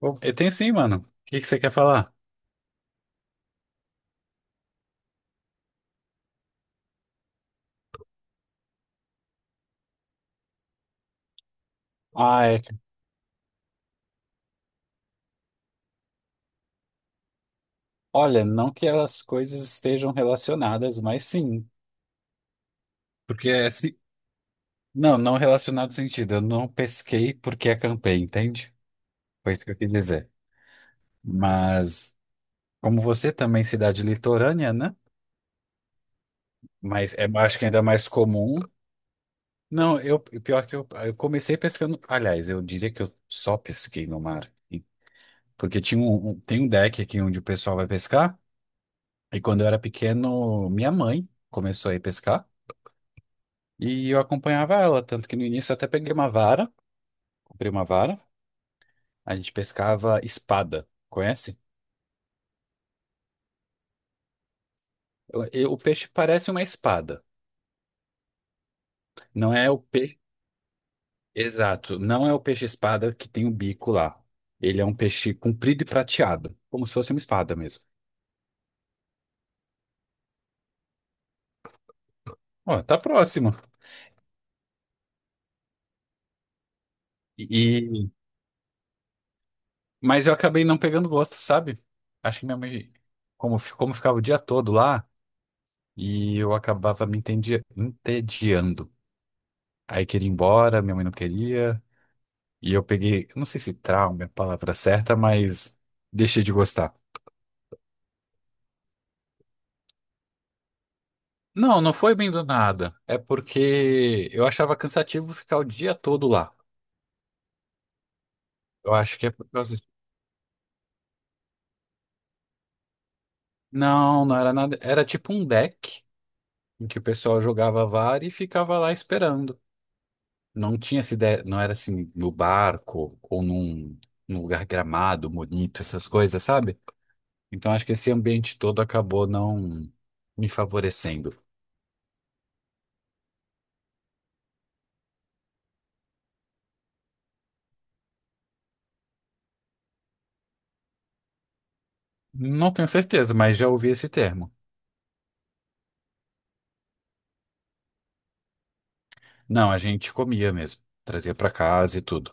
Pô, eu tenho sim, mano. O que que você quer falar? Ah, é. Olha, não que as coisas estejam relacionadas, mas sim. Porque é se... Não, não relacionado no sentido. Eu não pesquei porque acampei, entende? Foi isso que eu quis dizer. Mas, como você também, é cidade litorânea, né? Mas é, acho que ainda é mais comum. Não, eu, pior que eu comecei pescando. Aliás, eu diria que eu só pesquei no mar. E- Porque tinha um, tem um deck aqui onde o pessoal vai pescar. E quando eu era pequeno, minha mãe começou a ir pescar e eu acompanhava ela, tanto que no início eu até peguei uma vara, comprei uma vara, a gente pescava espada, conhece? O peixe parece uma espada, não é o peixe, exato, não é o peixe espada que tem o bico lá. Ele é um peixe comprido e prateado, como se fosse uma espada mesmo. Ó, tá próximo. E mas eu acabei não pegando gosto, sabe? Acho que minha mãe, como, como ficava o dia todo lá. E eu acabava me entediando. Aí queria ir embora, minha mãe não queria. E eu peguei, não sei se trauma é a palavra certa, mas deixei de gostar. Não, não foi bem do nada. É porque eu achava cansativo ficar o dia todo lá. Eu acho que é por causa. Não, não era nada. Era tipo um deck em que o pessoal jogava VAR e ficava lá esperando. Não tinha essa ideia, não era assim no barco ou num, num lugar gramado, bonito, essas coisas, sabe? Então acho que esse ambiente todo acabou não me favorecendo. Não tenho certeza, mas já ouvi esse termo. Não, a gente comia mesmo, trazia pra casa e tudo.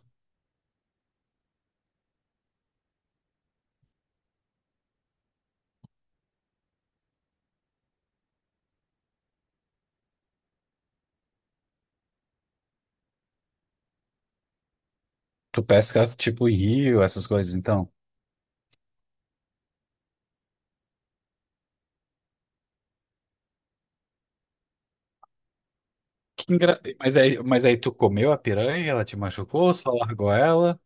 Tu pesca tipo em rio, essas coisas, então. Que engra- Mas aí, tu comeu a piranha, ela te machucou, só largou ela?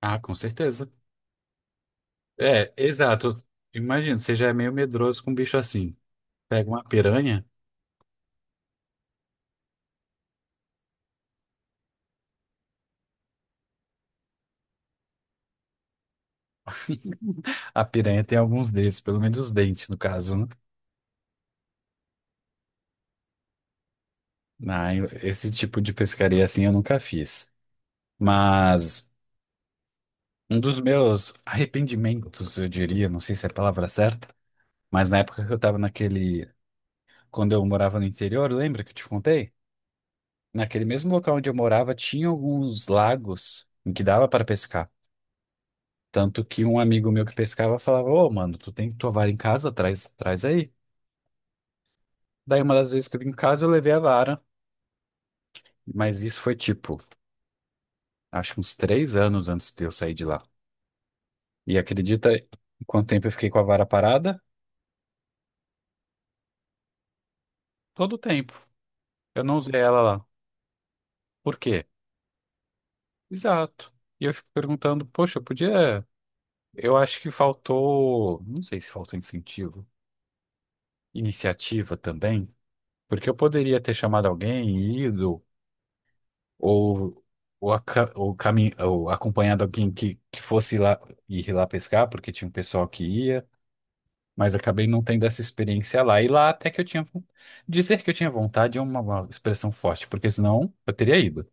Ah, com certeza. É, exato. Imagino, você já é meio medroso com um bicho assim. Pega uma piranha, a piranha tem alguns desses, pelo menos os dentes, no caso, né? Não, esse tipo de pescaria assim eu nunca fiz. Mas um dos meus arrependimentos, eu diria, não sei se é a palavra certa, mas na época que eu tava naquele. Quando eu morava no interior, lembra que eu te contei? Naquele mesmo local onde eu morava, tinha alguns lagos em que dava para pescar. Tanto que um amigo meu que pescava falava: Ô, mano, tu tem tua vara em casa? Traz, traz aí. Daí uma das vezes que eu vim em casa, eu levei a vara. Mas isso foi tipo, acho que uns três anos antes de eu sair de lá. E acredita em quanto tempo eu fiquei com a vara parada? Todo o tempo. Eu não usei ela lá. Por quê? Exato. E eu fico perguntando, poxa, eu podia. Eu acho que faltou, não sei se faltou incentivo, iniciativa também, porque eu poderia ter chamado alguém, e ido, ou, ou acompanhado alguém que, fosse lá ir lá pescar, porque tinha um pessoal que ia, mas acabei não tendo essa experiência lá. E lá até que eu tinha. Dizer que eu tinha vontade é uma, expressão forte, porque senão eu teria ido.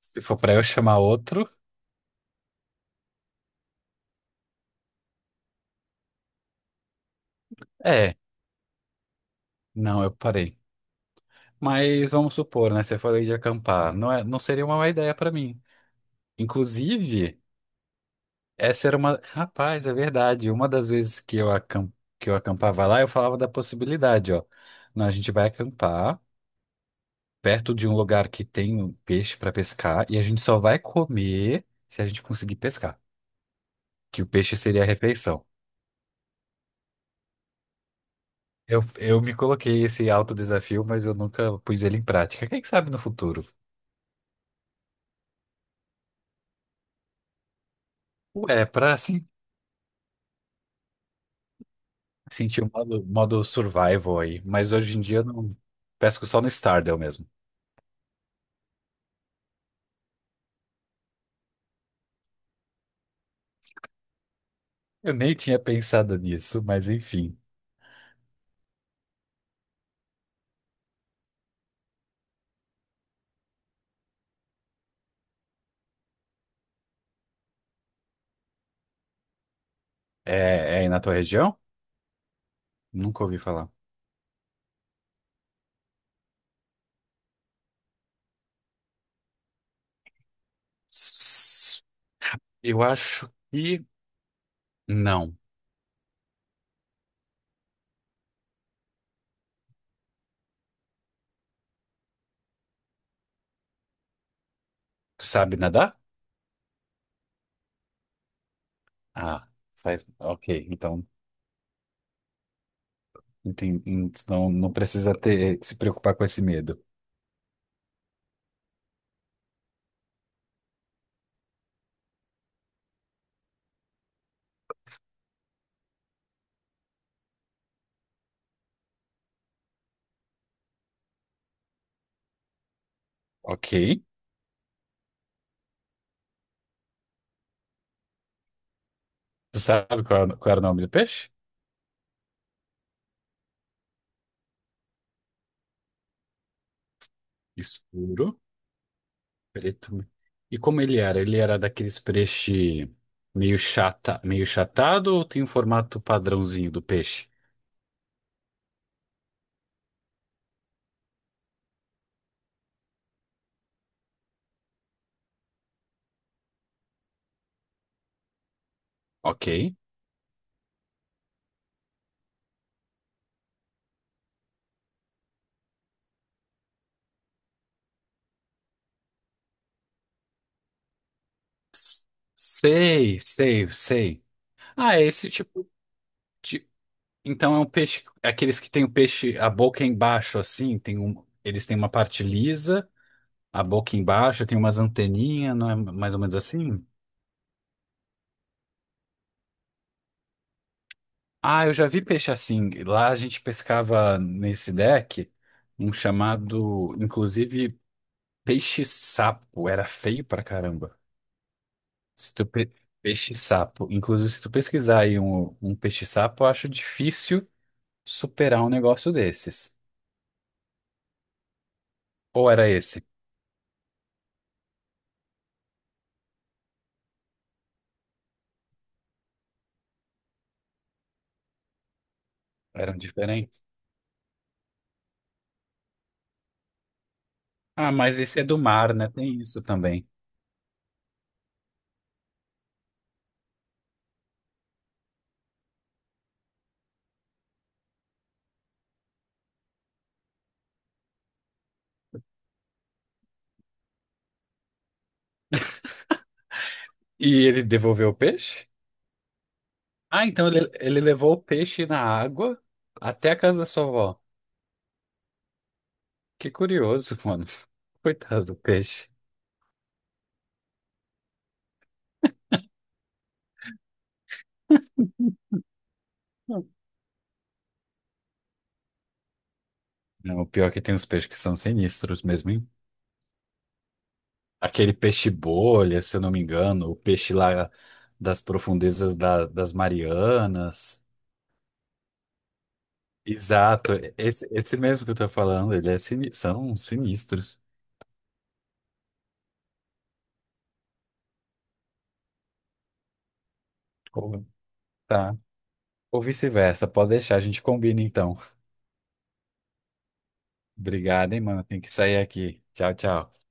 Se for para eu chamar outro, é, não, eu parei. Mas vamos supor, né? Você falou de acampar. Não é, não seria uma má ideia para mim. Inclusive, essa era uma. Rapaz, é verdade. Uma das vezes que eu, que eu acampava lá, eu falava da possibilidade, ó. Não, a gente vai acampar perto de um lugar que tem um peixe para pescar e a gente só vai comer se a gente conseguir pescar, que o peixe seria a refeição. Eu me coloquei esse alto desafio, mas eu nunca pus ele em prática. Quem sabe no futuro? Ué, pra se. Senti o modo, modo survival aí, mas hoje em dia eu não pesco só no Stardew mesmo. Eu nem tinha pensado nisso, mas enfim. É, é aí na tua região? Nunca ouvi falar. S- Eu acho que não. Tu sabe nadar? Ah, faz. Ok, então enten- não, não precisa ter se preocupar com esse medo. Ok. Tu sabe qual, era o nome do peixe? Escuro. Preto. E como ele era? Ele era daqueles peixe meio chata, meio chatado ou tem um formato padrãozinho do peixe? Ok. S- Sei, sei, sei. Ah, é esse tipo de... Então é um peixe... Aqueles que tem o peixe, a boca embaixo, assim, tem um... eles têm uma parte lisa, a boca embaixo, tem umas anteninhas, não é mais ou menos assim? Ah, eu já vi peixe assim. Lá a gente pescava nesse deck um chamado, inclusive... Peixe-sapo era feio pra caramba. Se tu pe- Peixe-sapo. Inclusive, se tu pesquisar aí um, peixe-sapo, eu acho difícil superar um negócio desses. Ou era esse? Eram diferentes? Ah, mas esse é do mar, né? Tem isso também. E ele devolveu o peixe? Ah, então ele levou o peixe na água até a casa da sua avó. Que curioso, mano. Coitado do peixe. Não, o pior é que tem uns peixes que são sinistros mesmo. Aquele peixe bolha, se eu não me engano, o peixe lá das profundezas das Marianas. Exato, esse, mesmo que eu tô falando, ele é são sinistros. Ou- Tá. Ou vice-versa, pode deixar, a gente combina então. Obrigado, hein, mano. Tem que sair aqui. Tchau, tchau.